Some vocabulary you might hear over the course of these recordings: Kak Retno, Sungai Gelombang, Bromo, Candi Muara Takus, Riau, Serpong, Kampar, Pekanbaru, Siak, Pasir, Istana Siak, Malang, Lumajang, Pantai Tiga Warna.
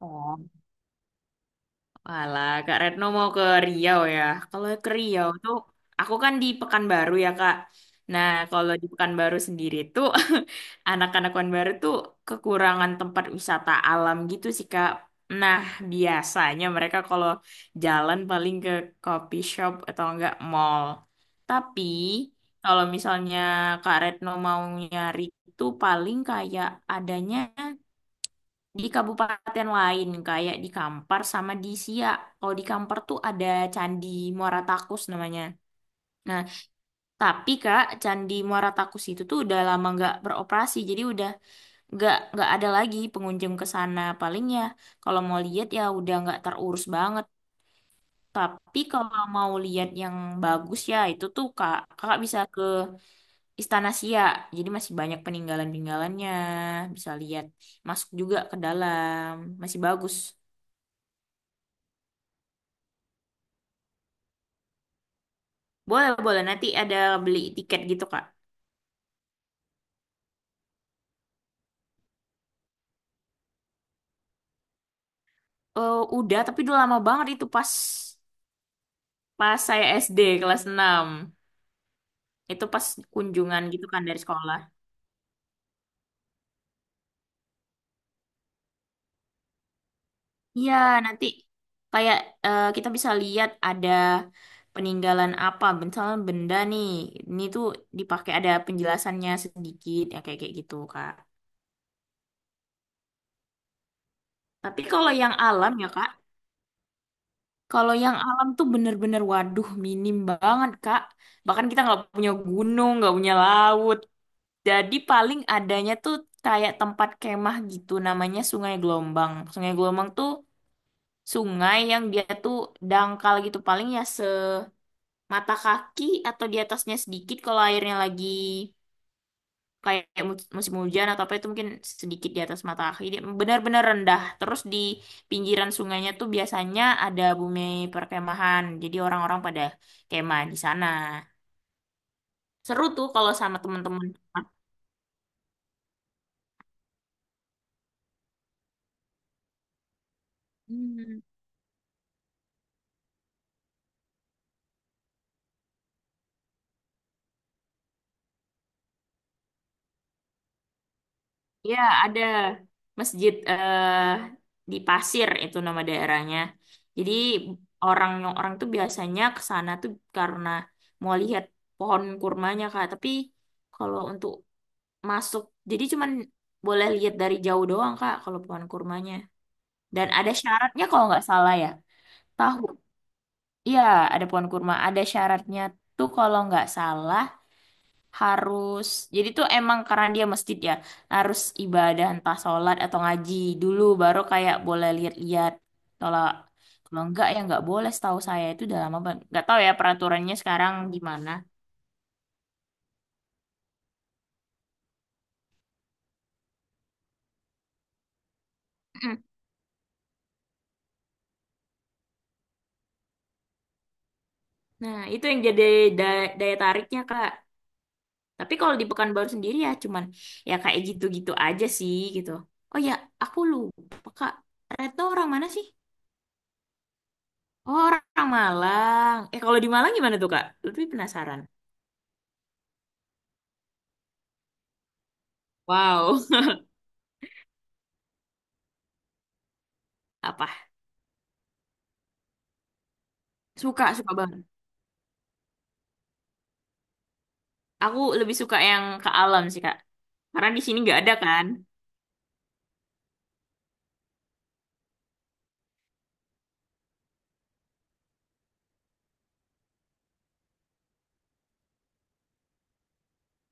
Serpong. Walah, Kak Retno mau ke Riau ya. Kalau ke Riau tuh, aku kan di Pekanbaru ya, Kak. Nah, kalau di Pekanbaru sendiri tuh, anak-anak Pekanbaru tuh kekurangan tempat wisata alam gitu sih, Kak. Nah, biasanya mereka kalau jalan paling ke coffee shop atau enggak mall. Tapi, kalau misalnya Kak Retno mau nyari itu paling kayak adanya di kabupaten lain kayak di Kampar sama di Siak. Kalau di Kampar tuh ada Candi Muara Takus namanya. Nah, tapi Kak, Candi Muara Takus itu tuh udah lama nggak beroperasi, jadi udah nggak ada lagi pengunjung ke sana. Paling ya kalau mau lihat ya udah nggak terurus banget. Tapi kalau mau lihat yang bagus ya itu tuh Kak, Kakak bisa ke Istana Siak. Jadi masih banyak peninggalan-peninggalannya, bisa lihat masuk juga ke dalam, masih bagus. Boleh, boleh. Nanti ada beli tiket gitu, Kak. Eh udah, tapi udah lama banget itu pas pas saya SD kelas enam. Itu pas kunjungan gitu kan dari sekolah. Iya, nanti kayak kita bisa lihat ada peninggalan apa. Misalnya benda nih, ini tuh dipakai ada penjelasannya sedikit, ya kayak kayak gitu, Kak. Tapi kalau yang alam ya, Kak, kalau yang alam tuh bener-bener waduh minim banget, Kak. Bahkan kita nggak punya gunung, nggak punya laut. Jadi paling adanya tuh kayak tempat kemah gitu namanya Sungai Gelombang. Sungai Gelombang tuh sungai yang dia tuh dangkal gitu paling ya semata kaki atau di atasnya sedikit kalau airnya lagi kayak musim hujan atau apa itu mungkin sedikit di atas mata kaki. Dia benar-benar rendah. Terus di pinggiran sungainya tuh biasanya ada bumi perkemahan. Jadi orang-orang pada kemah di sana. Seru tuh kalau sama teman-teman. Hmm. Iya, ada masjid di Pasir itu nama daerahnya. Jadi orang orang tuh biasanya ke sana tuh karena mau lihat pohon kurmanya Kak. Tapi kalau untuk masuk, jadi cuman boleh lihat dari jauh doang Kak kalau pohon kurmanya. Dan ada syaratnya kalau nggak salah ya. Tahu. Iya, ada pohon kurma. Ada syaratnya tuh kalau nggak salah harus, jadi tuh emang karena dia masjid ya harus ibadah entah sholat atau ngaji dulu baru kayak boleh lihat-lihat, kalau kalau enggak ya enggak boleh. Setahu saya itu udah lama banget, enggak tahu ya peraturannya sekarang gimana. Mm. Nah, itu yang jadi daya tariknya Kak, tapi kalau di Pekanbaru sendiri ya cuman ya kayak gitu-gitu aja sih gitu. Oh ya, aku lupa, Kak Retno orang mana sih? Oh, orang Malang. Eh, kalau di Malang gimana tuh, Kak? Lebih penasaran. Wow. Apa? Suka, suka banget. Aku lebih suka yang ke alam sih, Kak. Karena di sini nggak ada kan.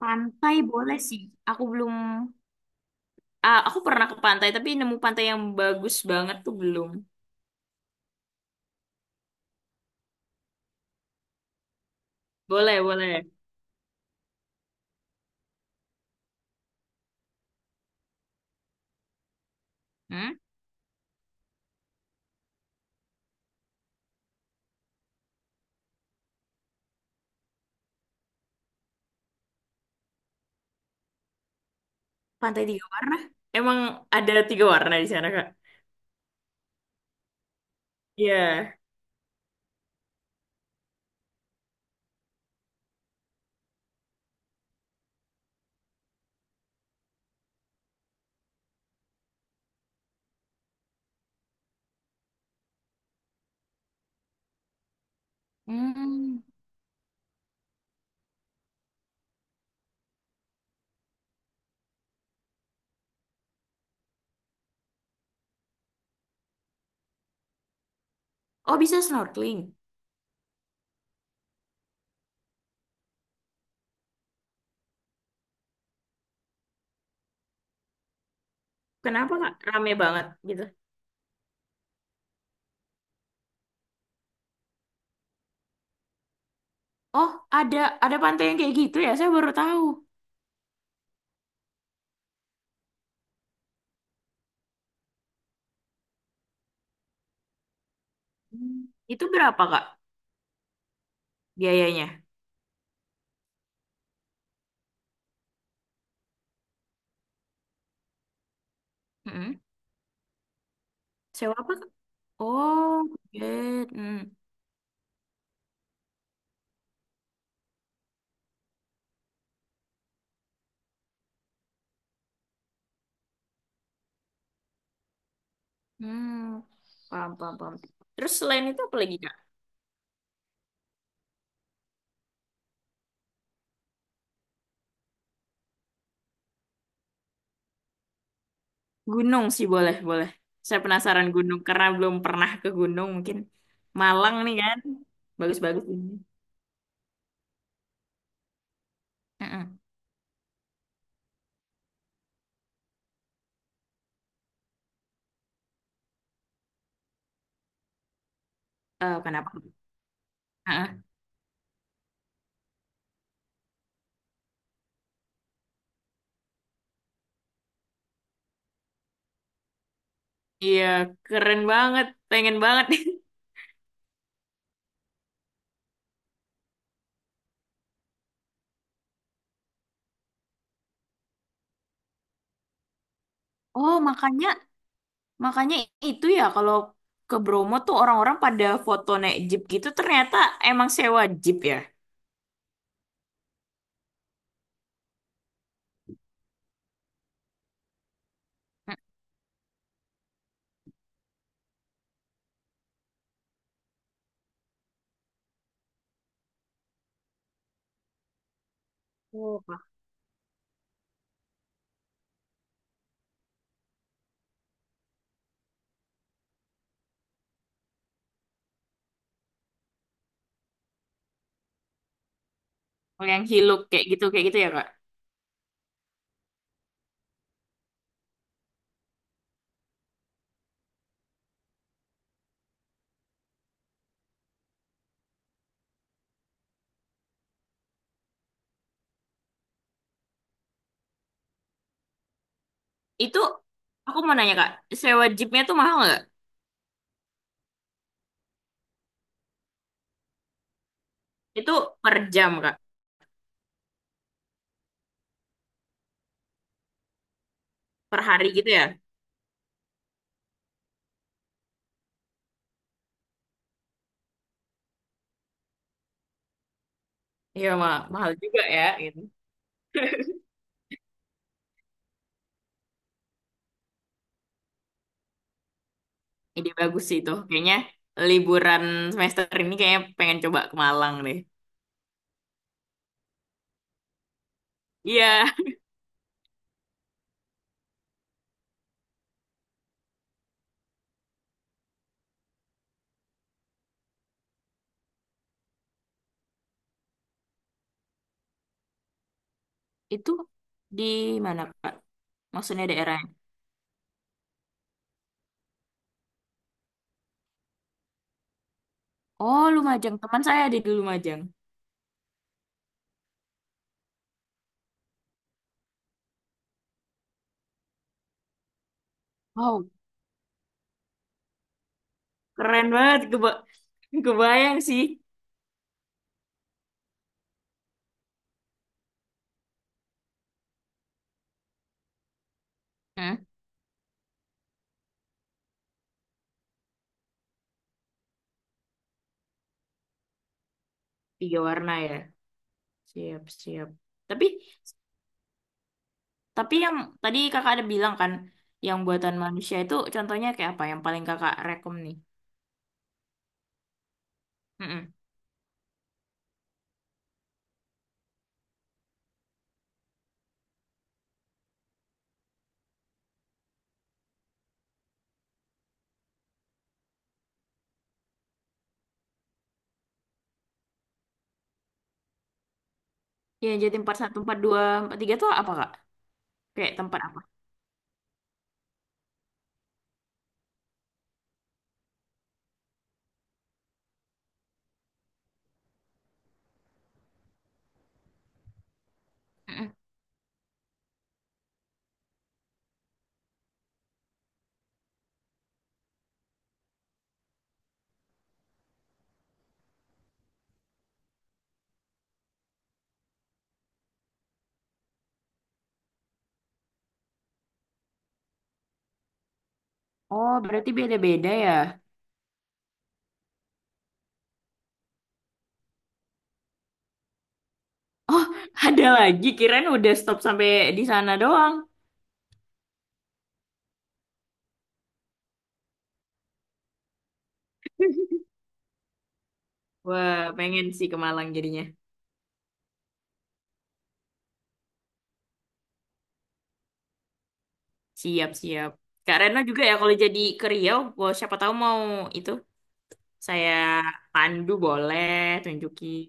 Pantai boleh sih. Aku belum. Ah, aku pernah ke pantai, tapi nemu pantai yang bagus banget tuh belum. Boleh, boleh. Hmm? Pantai tiga warna? Emang ada tiga warna di sana, Kak? Iya. Hmm. Oh, bisa snorkeling. Kenapa, Kak? Rame banget gitu. Oh, ada pantai yang kayak gitu ya? Saya baru tahu. Hmm. Itu berapa, Kak, biayanya? Hmm. Sewa apa? Oh, Tibet. Hmm. Hmm. Paham, paham, paham. Terus selain itu apa lagi, Kak? Gunung sih boleh, boleh. Saya penasaran gunung karena belum pernah ke gunung. Mungkin Malang nih kan. Bagus-bagus ini. Heeh. Eh, kenapa? Heeh. Iya, keren banget. Pengen banget. Oh, makanya, makanya itu ya kalau ke Bromo tuh orang-orang pada foto naik jeep gitu, ternyata emang sewa jeep ya. Heeh. Oh, Pak. Kalau yang hiluk kayak gitu ya, Kak? Itu aku mau nanya Kak, sewa jeepnya tuh mahal nggak? Itu per jam Kak, per hari gitu ya? Iya mahal juga ya gitu. Ide bagus sih itu. Kayaknya liburan semester ini kayaknya pengen coba ke Malang deh. Iya. Itu di mana Kak? Maksudnya daerahnya? Oh, Lumajang. Teman saya ada di Lumajang. Wow, keren banget. Kebayang sih. Hah? Tiga warna ya. Siap, siap. Tapi Tapi yang tadi kakak ada bilang kan, yang buatan manusia itu contohnya kayak apa yang paling kakak rekom nih? Mm-mm. Yang jadi empat satu, empat dua, 42, tiga tuh apa kak? Kayak tempat apa? Mm-mm. Oh, berarti beda-beda ya? Oh, ada lagi. Kirain udah stop sampai di sana doang. Wah, pengen sih ke Malang jadinya. Siap-siap. Kak Reno juga ya kalau jadi ke Riau, wah, siapa tahu mau itu saya pandu, boleh tunjukin.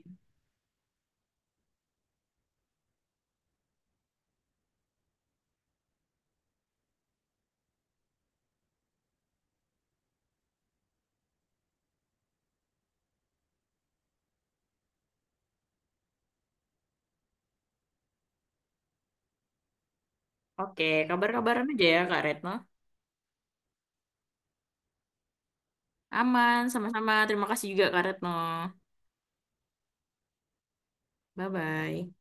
Oke, kabar-kabaran aja ya Kak Retno. Aman, sama-sama. Terima kasih juga Kak Retno. Bye-bye.